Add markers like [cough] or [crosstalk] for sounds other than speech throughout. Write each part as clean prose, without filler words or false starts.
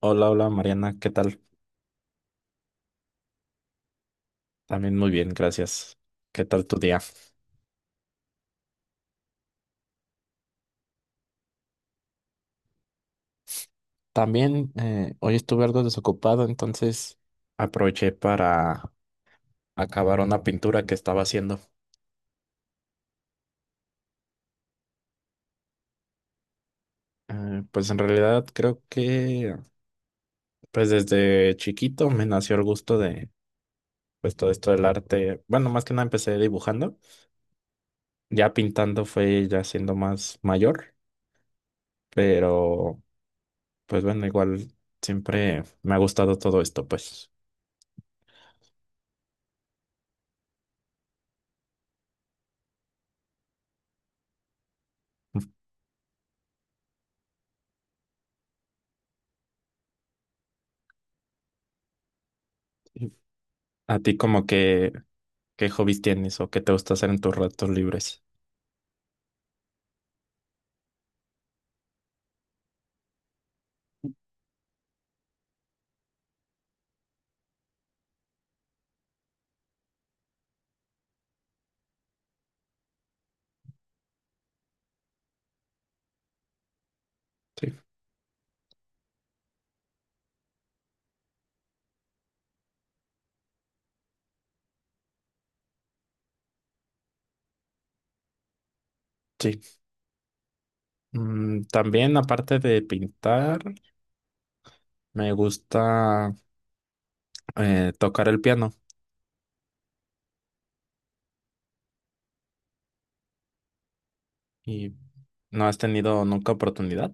Hola, hola Mariana, ¿qué tal? También muy bien, gracias. ¿Qué tal tu día? También hoy estuve algo desocupado, entonces aproveché para acabar una pintura que estaba haciendo. Pues en realidad creo que pues desde chiquito me nació el gusto de pues todo esto del arte. Bueno, más que nada empecé dibujando, ya pintando fue ya siendo más mayor, pero pues bueno, igual siempre me ha gustado todo esto, pues. [laughs] ¿A ti como que ¿Qué hobbies tienes o qué te gusta hacer en tus ratos libres? Sí, sí. También, aparte de pintar, me gusta tocar el piano. ¿Y no has tenido nunca oportunidad?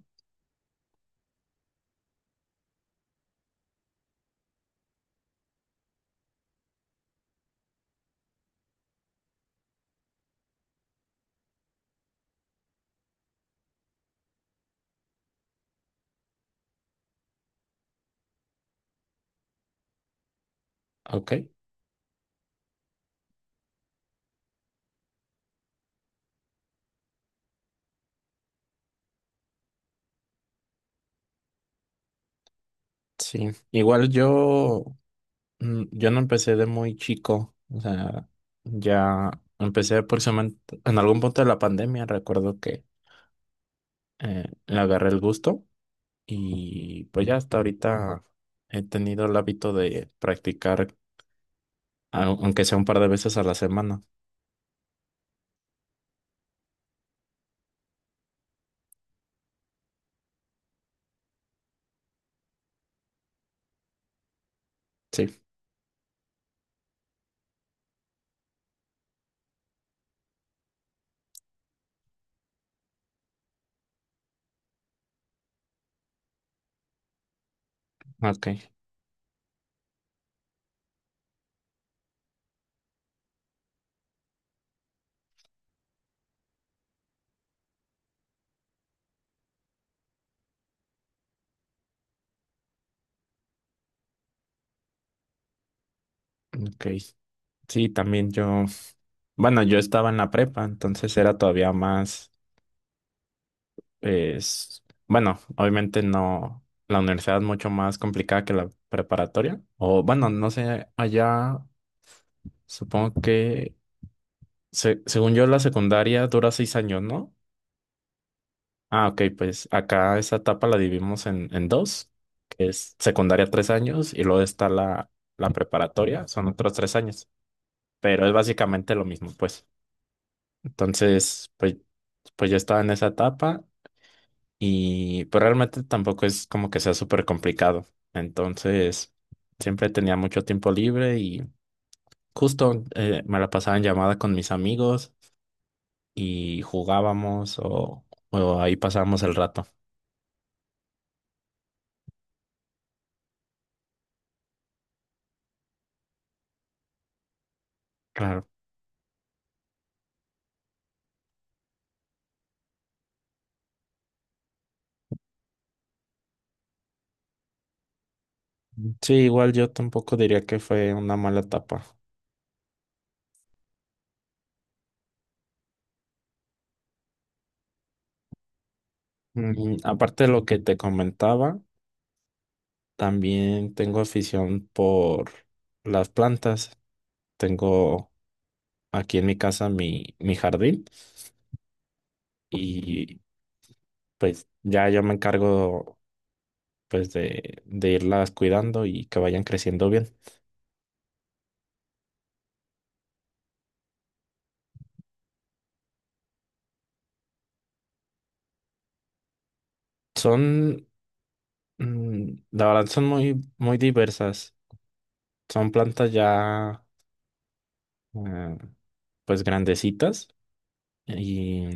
Ok, sí. Igual yo no empecé de muy chico. O sea, ya empecé aproximadamente en algún punto de la pandemia. Recuerdo que le agarré el gusto y pues ya hasta ahorita he tenido el hábito de practicar aunque sea un par de veces a la semana. Sí, ok, ok. Sí, también yo, bueno, yo estaba en la prepa, entonces era todavía más, es, bueno, obviamente no, la universidad es mucho más complicada que la preparatoria, o bueno, no sé, allá supongo que, según yo, la secundaria dura 6 años, ¿no? Ah, ok, pues acá esa etapa la dividimos en dos, que es secundaria 3 años y luego está la preparatoria, son otros 3 años. Pero es básicamente lo mismo, pues. Entonces, pues yo estaba en esa etapa y pues realmente tampoco es como que sea súper complicado. Entonces, siempre tenía mucho tiempo libre y justo me la pasaba en llamada con mis amigos y jugábamos o ahí pasábamos el rato. Claro. Sí, igual yo tampoco diría que fue una mala etapa. Aparte de lo que te comentaba, también tengo afición por las plantas. Tengo aquí en mi casa mi jardín y pues ya yo me encargo pues de irlas cuidando y que vayan creciendo bien. Son, la verdad son muy, muy diversas. Son plantas ya eh, pues grandecitas y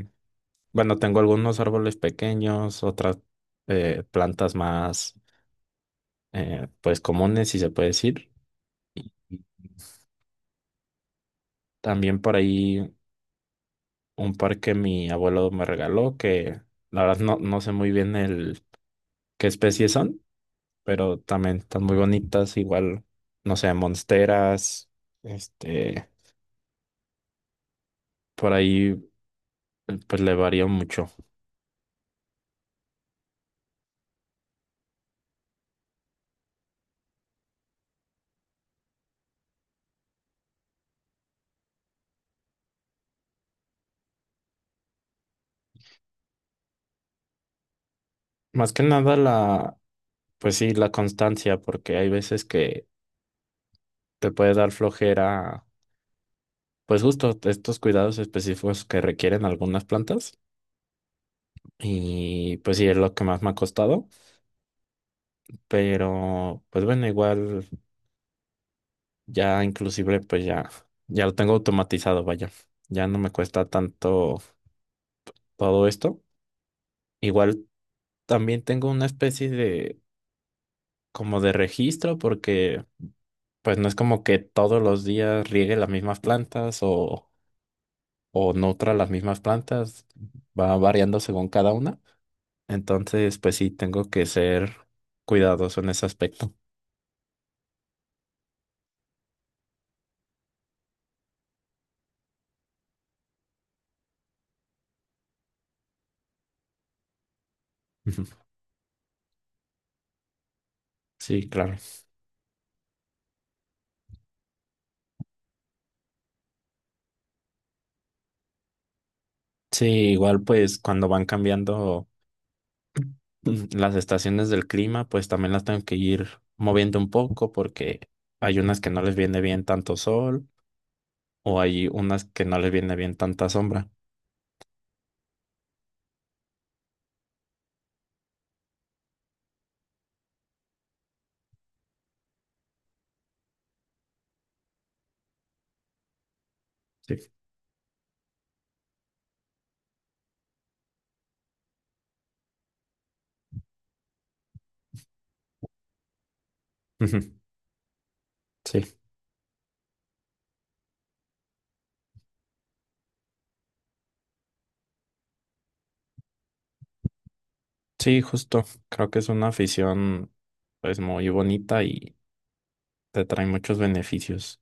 bueno, tengo algunos árboles pequeños, otras plantas más pues comunes si se puede decir. También por ahí un par que mi abuelo me regaló, que la verdad no sé muy bien el qué especies son, pero también están muy bonitas, igual, no sé, monsteras, este, por ahí pues le varía mucho. Más que nada la, pues sí, la constancia, porque hay veces que te puede dar flojera, pues justo estos cuidados específicos que requieren algunas plantas. Y pues sí, es lo que más me ha costado, pero pues bueno, igual. Ya inclusive pues ya lo tengo automatizado, vaya. Ya no me cuesta tanto todo esto. Igual también tengo una especie de como de registro porque pues no es como que todos los días riegue las mismas plantas o nutra las mismas plantas. Va variando según cada una. Entonces pues sí, tengo que ser cuidadoso en ese aspecto. [laughs] Sí, claro. Sí, igual pues cuando van cambiando. Las estaciones del clima, pues también las tengo que ir moviendo un poco porque hay unas que no les viene bien tanto sol o hay unas que no les viene bien tanta sombra. Sí. Ujú. Sí, sí, justo. Creo que es una afición pues muy bonita y te trae muchos beneficios.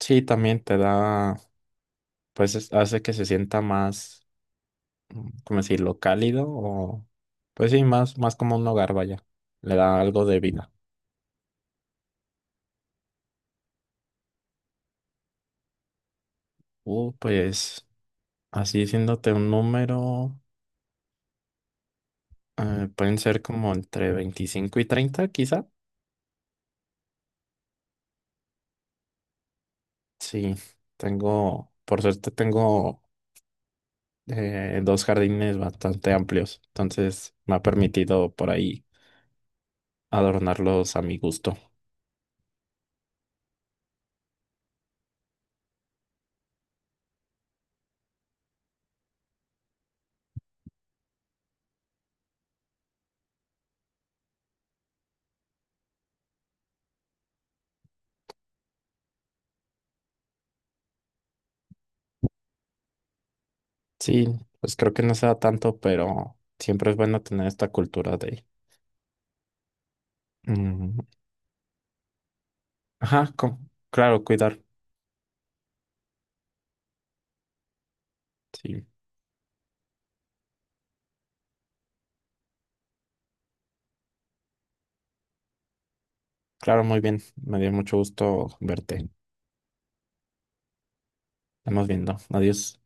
Sí, también te da, pues hace que se sienta más, ¿cómo decirlo? Cálido o, pues sí, más, más como un hogar, vaya. Le da algo de vida. Pues así diciéndote un número, pueden ser como entre 25 y 30 quizá. Sí, tengo, por suerte tengo dos jardines bastante amplios, entonces me ha permitido por ahí adornarlos a mi gusto. Sí, pues creo que no se da tanto, pero siempre es bueno tener esta cultura de, mm, ajá, claro, cuidar. Sí, claro, muy bien. Me dio mucho gusto verte. Estamos viendo. Adiós.